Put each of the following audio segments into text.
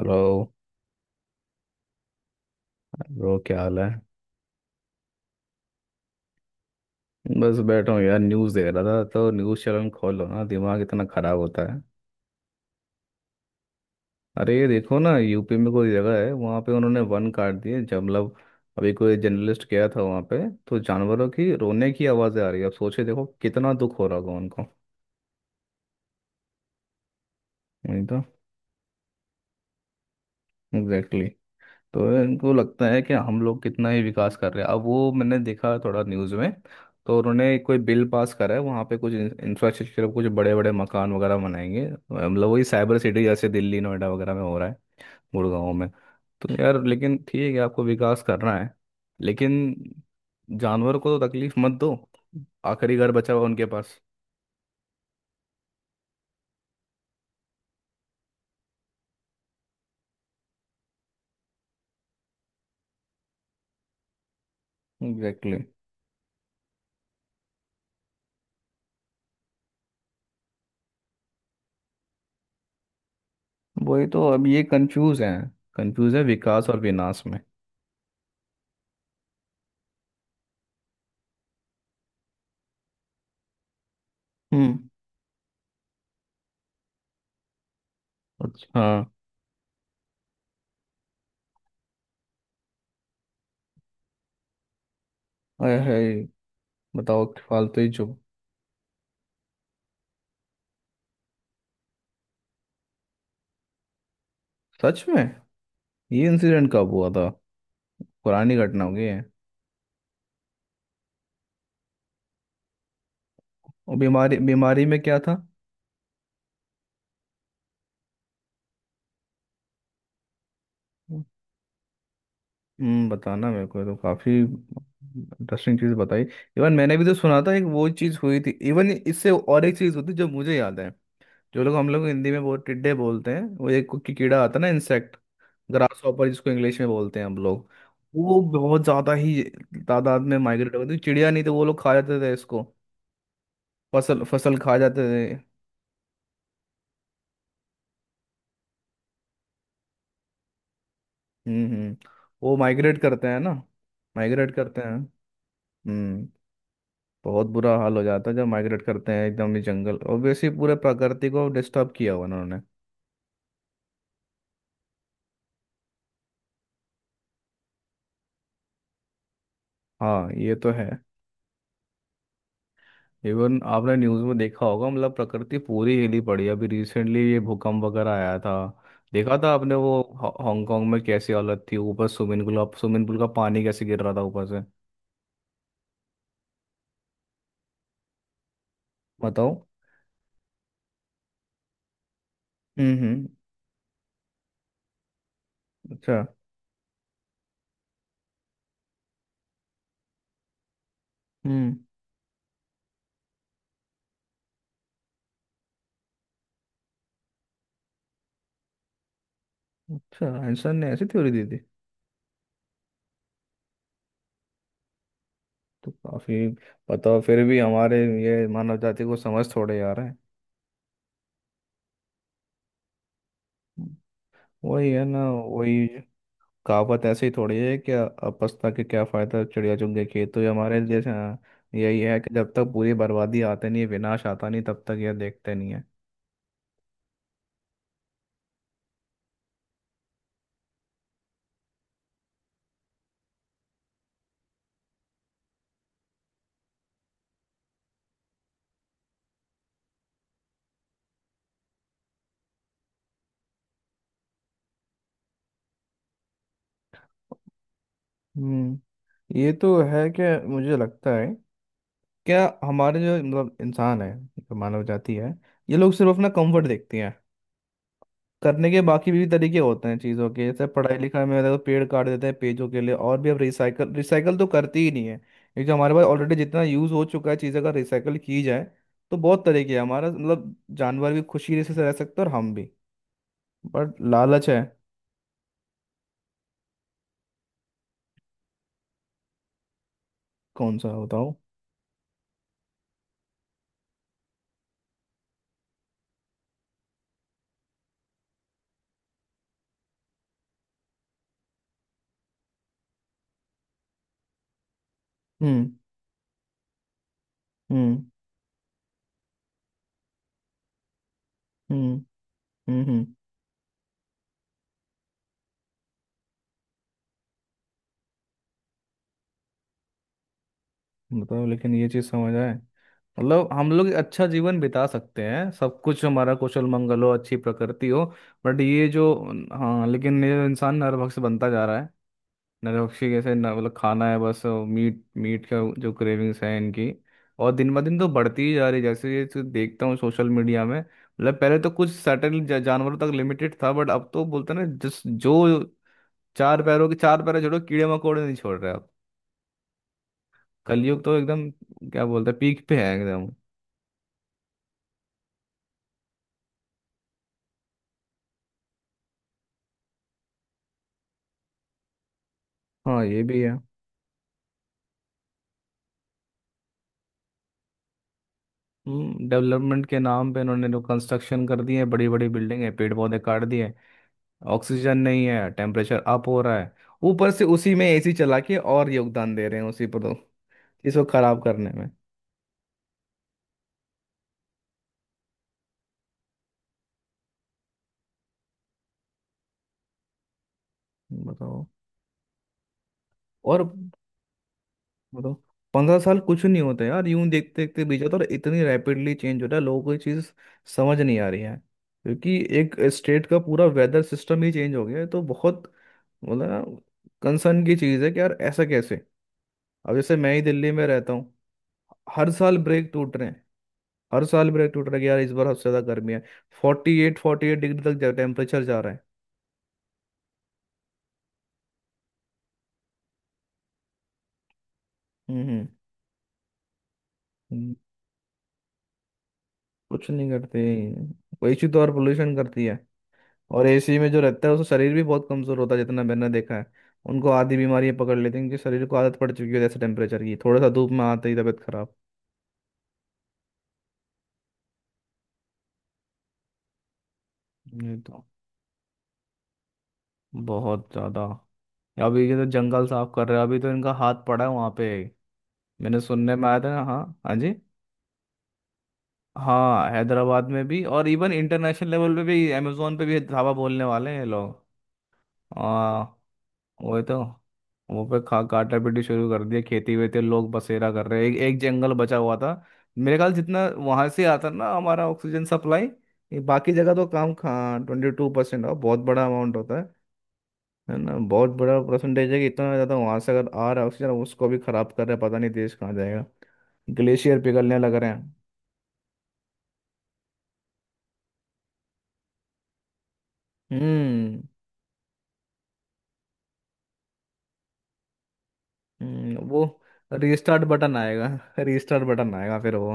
Hello. Bro क्या हाल है? बस बैठा हूँ यार, न्यूज़ देख रहा था। तो न्यूज़ चैनल खोलो ना, दिमाग इतना ख़राब होता है। अरे ये देखो ना, यूपी में कोई जगह है वहाँ पे उन्होंने वन काट दिए। जब मतलब अभी कोई जर्नलिस्ट गया था वहाँ पे, तो जानवरों की रोने की आवाज़ें आ रही है। अब सोचे देखो कितना दुख हो रहा होगा उनको। वही तो। एग्जैक्टली। तो इनको लगता है कि हम लोग कितना ही विकास कर रहे हैं। अब वो मैंने देखा थोड़ा न्यूज़ में, तो उन्होंने कोई बिल पास करा है वहाँ पे। कुछ इंफ्रास्ट्रक्चर, कुछ बड़े बड़े मकान वगैरह बनाएंगे। मतलब वही साइबर सिटी जैसे दिल्ली नोएडा वगैरह में हो रहा है, गुड़गांव में। तो यार, लेकिन ठीक है आपको विकास करना है, लेकिन जानवर को तो तकलीफ मत दो। आखिरी घर बचा हुआ उनके पास। Exactly exactly। वही तो, अब ये कंफ्यूज है। कंफ्यूज है विकास और विनाश में। हम्म। अच्छा हाँ। हाय हाय, बताओ कि फालतू ही चुप। सच में? ये इंसिडेंट कब हुआ था? पुरानी घटना हो गई है? और बीमारी बीमारी में क्या था? हम्म, बताना मेरे को, ये तो काफी इंटरेस्टिंग चीज बताई। इवन मैंने भी तो सुना था एक वो चीज हुई थी इवन इससे। और एक चीज होती है जो मुझे याद है। जो लोग, हम लोग हिंदी में बहुत टिड्डे बोलते हैं, वो एक की कीड़ा आता है ना, इंसेक्ट। ग्रास हॉपर जिसको इंग्लिश में बोलते हैं हम लोग। वो बहुत ज्यादा ही तादाद में माइग्रेट होती थी। चिड़िया नहीं तो वो लोग खा जाते थे इसको, फसल फसल खा जाते थे। हम्म। वो माइग्रेट करते हैं ना? माइग्रेट करते हैं। हम्म। बहुत बुरा हाल हो जाता है जब माइग्रेट करते हैं, एकदम ही जंगल। ऑब्वियसली पूरे प्रकृति को डिस्टर्ब किया हुआ उन्होंने। हाँ ये तो है। इवन आपने न्यूज़ में देखा होगा, मतलब प्रकृति पूरी हिली पड़ी है। अभी रिसेंटली ये भूकंप वगैरह आया था। देखा था आपने वो हांगकांग में कैसी हालत थी? ऊपर स्विमिंग पूल, स्विमिंग पूल का पानी कैसे गिर रहा था ऊपर से। बताओ। हम्म। अच्छा। हम्म। अच्छा, एंसन ने ऐसी थ्योरी दी? तो काफी, बताओ फिर भी हमारे ये मानव जाति को समझ थोड़े आ रहे हैं। वही है ना, वही कहावत ऐसे ही थोड़ी है कि अपस्ता के क्या फायदा, चिड़िया चुग गई खेत। तो ये हमारे जैसे, हाँ, यही है कि जब तक पूरी बर्बादी आते नहीं है, विनाश आता नहीं, तब तक ये देखते नहीं है। हम्म, ये तो है कि मुझे लगता है क्या हमारे जो मतलब इंसान है, जो मानव जाति है, ये लोग सिर्फ अपना कंफर्ट देखते हैं। करने के बाकी भी तरीके होते हैं चीज़ों के, जैसे पढ़ाई लिखाई में देखो, पेड़ काट देते हैं पेजों के लिए। और भी अब रिसाइकल, रिसाइकल तो करती ही नहीं है। क्योंकि जो हमारे पास ऑलरेडी जितना यूज़ हो चुका है, चीज़ें अगर रिसाइकल की जाए तो बहुत तरीके हैं। हमारा मतलब जानवर भी खुशी से रह सकते हैं और हम भी, बट लालच है। कौन सा बताओ? हम्म हम्म हम्म हम्म। बताओ लेकिन ये चीज़ समझ आए। मतलब हम लोग अच्छा जीवन बिता सकते हैं, सब कुछ हमारा कुशल मंगल हो, अच्छी प्रकृति हो, बट ये जो, हाँ लेकिन ये इंसान नरभक्ष बनता जा रहा है। नरभक्षी कैसे मतलब खाना है बस, मीट, मीट का जो क्रेविंग्स है इनकी। और दिन ब दिन तो बढ़ती ही जा रही है। जैसे ये तो देखता हूँ सोशल मीडिया में, मतलब पहले तो कुछ सर्टेन जानवरों तक लिमिटेड था, बट अब तो बोलते हैं ना जिस जो चार पैरों के, चार पैर छोड़ो, कीड़े मकोड़े नहीं छोड़ रहे अब। कलयुग तो एकदम, क्या बोलते हैं, पीक पे है एकदम। हाँ ये भी है। हम्म, डेवलपमेंट के नाम पे इन्होंने जो कंस्ट्रक्शन कर दिए हैं, बड़ी बड़ी बिल्डिंग है, पेड़ पौधे काट दिए। ऑक्सीजन नहीं है, टेम्परेचर अप हो रहा है। ऊपर से उसी में एसी चला के और योगदान दे रहे हैं उसी पर तो, इसको खराब करने में। बताओ और बताओ, 15 साल कुछ नहीं होते यार, यूं देखते देखते बीत जाता है। और इतनी रैपिडली चेंज हो रहा है, लोगों को ये चीज़ समझ नहीं आ रही है। क्योंकि एक स्टेट का पूरा वेदर सिस्टम ही चेंज हो गया है। तो बहुत मतलब ना, कंसर्न की चीज़ है कि यार ऐसा कैसे। अब जैसे मैं ही दिल्ली में रहता हूँ, हर साल ब्रेक टूट रहे हैं। हर साल ब्रेक टूट रहा है कि यार इस बार सबसे ज्यादा गर्मी है, 48 48 डिग्री तक जा, टेम्परेचर जा रहा है। हम्म हम्म, हम्म, कुछ नहीं करते। वही चीज तो और पोल्यूशन करती है। और एसी में जो रहता है उसका शरीर भी बहुत कमजोर होता है जितना मैंने देखा है। उनको आधी बीमारियां पकड़ लेती हैं, क्योंकि शरीर को आदत पड़ चुकी है ऐसे टेम्परेचर की। थोड़ा सा धूप में आते ही तबीयत खराब। ये तो बहुत ज्यादा। अभी ये तो जंगल साफ कर रहे हैं, अभी तो इनका हाथ पड़ा है वहां पे, मैंने सुनने में आया था ना। हाँ, हाँ जी, हाँ हैदराबाद में भी, और इवन इंटरनेशनल लेवल पे भी अमेजोन पे भी धावा बोलने वाले हैं ये लोग। हाँ। वही तो, वो पे खा काटा पीटी शुरू कर दिया, खेती वेती लोग बसेरा कर रहे हैं। एक, एक जंगल बचा हुआ था। मेरे ख्याल जितना वहां से आता ना हमारा ऑक्सीजन सप्लाई। ये बाकी जगह तो काम खा, 22% बहुत बड़ा अमाउंट होता है। है ना, बहुत बड़ा परसेंटेज है। कि इतना ज़्यादा वहां से अगर आ रहा है ऑक्सीजन, उसको भी खराब कर रहा है। पता नहीं देश कहाँ जाएगा। ग्लेशियर पिघलने लग रहे हैं। हम्म, वो रीस्टार्ट बटन आएगा। रीस्टार्ट बटन आएगा फिर वो।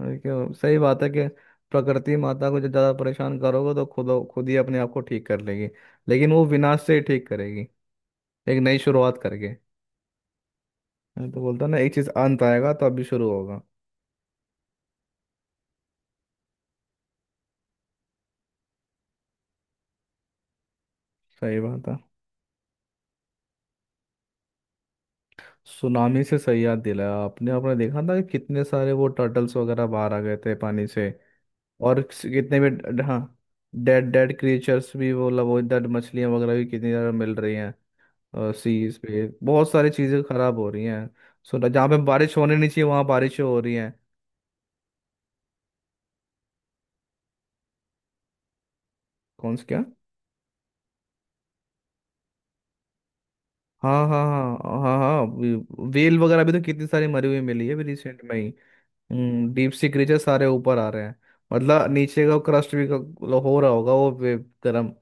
और क्यों, सही बात है कि प्रकृति माता को जब ज्यादा परेशान करोगे, तो खुद खुद ही अपने आप को ठीक कर लेगी। लेकिन वो विनाश से ही ठीक करेगी, एक नई शुरुआत करके। मैं तो बोलता ना एक चीज, अंत आएगा तो अभी शुरू होगा। सही बात है। सुनामी से सही याद दिलाया आपने। आपने देखा था कि कितने सारे वो टर्टल्स वगैरह बाहर आ गए थे पानी से। और किस- हाँ, डेड डेड क्रिएचर्स भी, वो मतलब वो डेड मछलियां वगैरह भी कितनी ज्यादा मिल रही हैं। सीज पे बहुत सारी चीजें खराब हो रही हैं। सो जहाँ पे बारिश होने नहीं चाहिए वहां बारिशें हो रही हैं। कौन से क्या? हाँ हाँ हाँ हाँ हाँ, वेल वगैरह भी तो कितनी सारी मरी हुई मिली है अभी रिसेंट में ही। हम्म, डीप सी क्रीचर सारे ऊपर आ रहे हैं। मतलब नीचे का क्रस्ट भी हो रहा होगा, वो वे- गर्म।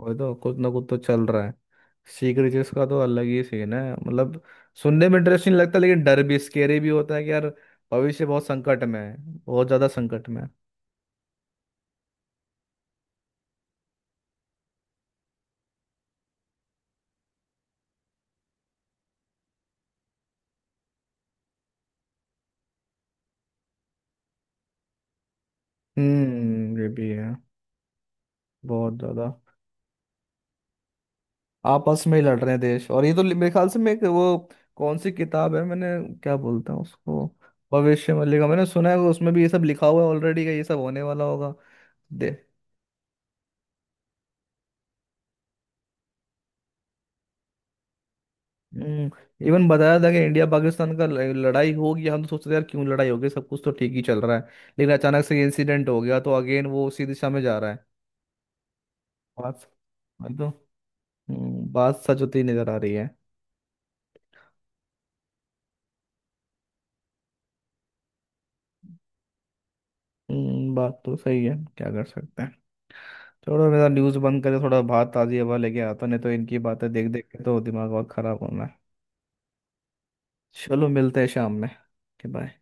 वही तो, कुछ ना कुछ तो चल रहा है। सी क्रीचर्स का तो अलग ही सीन है मतलब। सुनने में इंटरेस्टिंग लगता है, लेकिन डर भी, स्केरी भी होता है कि यार, भविष्य बहुत संकट में है। बहुत ज्यादा संकट में है। ये भी है, बहुत ज्यादा आपस में ही लड़ रहे हैं देश। और ये तो मेरे ख्याल से मैं एक वो, कौन सी किताब है मैंने, क्या बोलते हैं उसको, भविष्य मल्लिका, मैंने सुना है उसमें भी ये सब लिखा हुआ है ऑलरेडी का ये सब होने वाला होगा। दे इवन बताया था कि इंडिया पाकिस्तान का लड़ाई होगी। हम तो सोचते थे यार क्यों लड़ाई होगी, सब कुछ तो ठीक ही चल रहा है। लेकिन अचानक से ये इंसिडेंट हो गया, तो अगेन वो उसी दिशा में जा रहा है। बात बात तो बात सच होती नजर आ रही है। बात तो सही है, क्या कर सकते हैं। थोड़ा मेरा न्यूज़ बंद करे, थोड़ा बात ताज़ी हवा लेके आता, नहीं तो इनकी बातें देख देख के तो दिमाग और ख़राब होना है। चलो, मिलते हैं शाम में। बाय।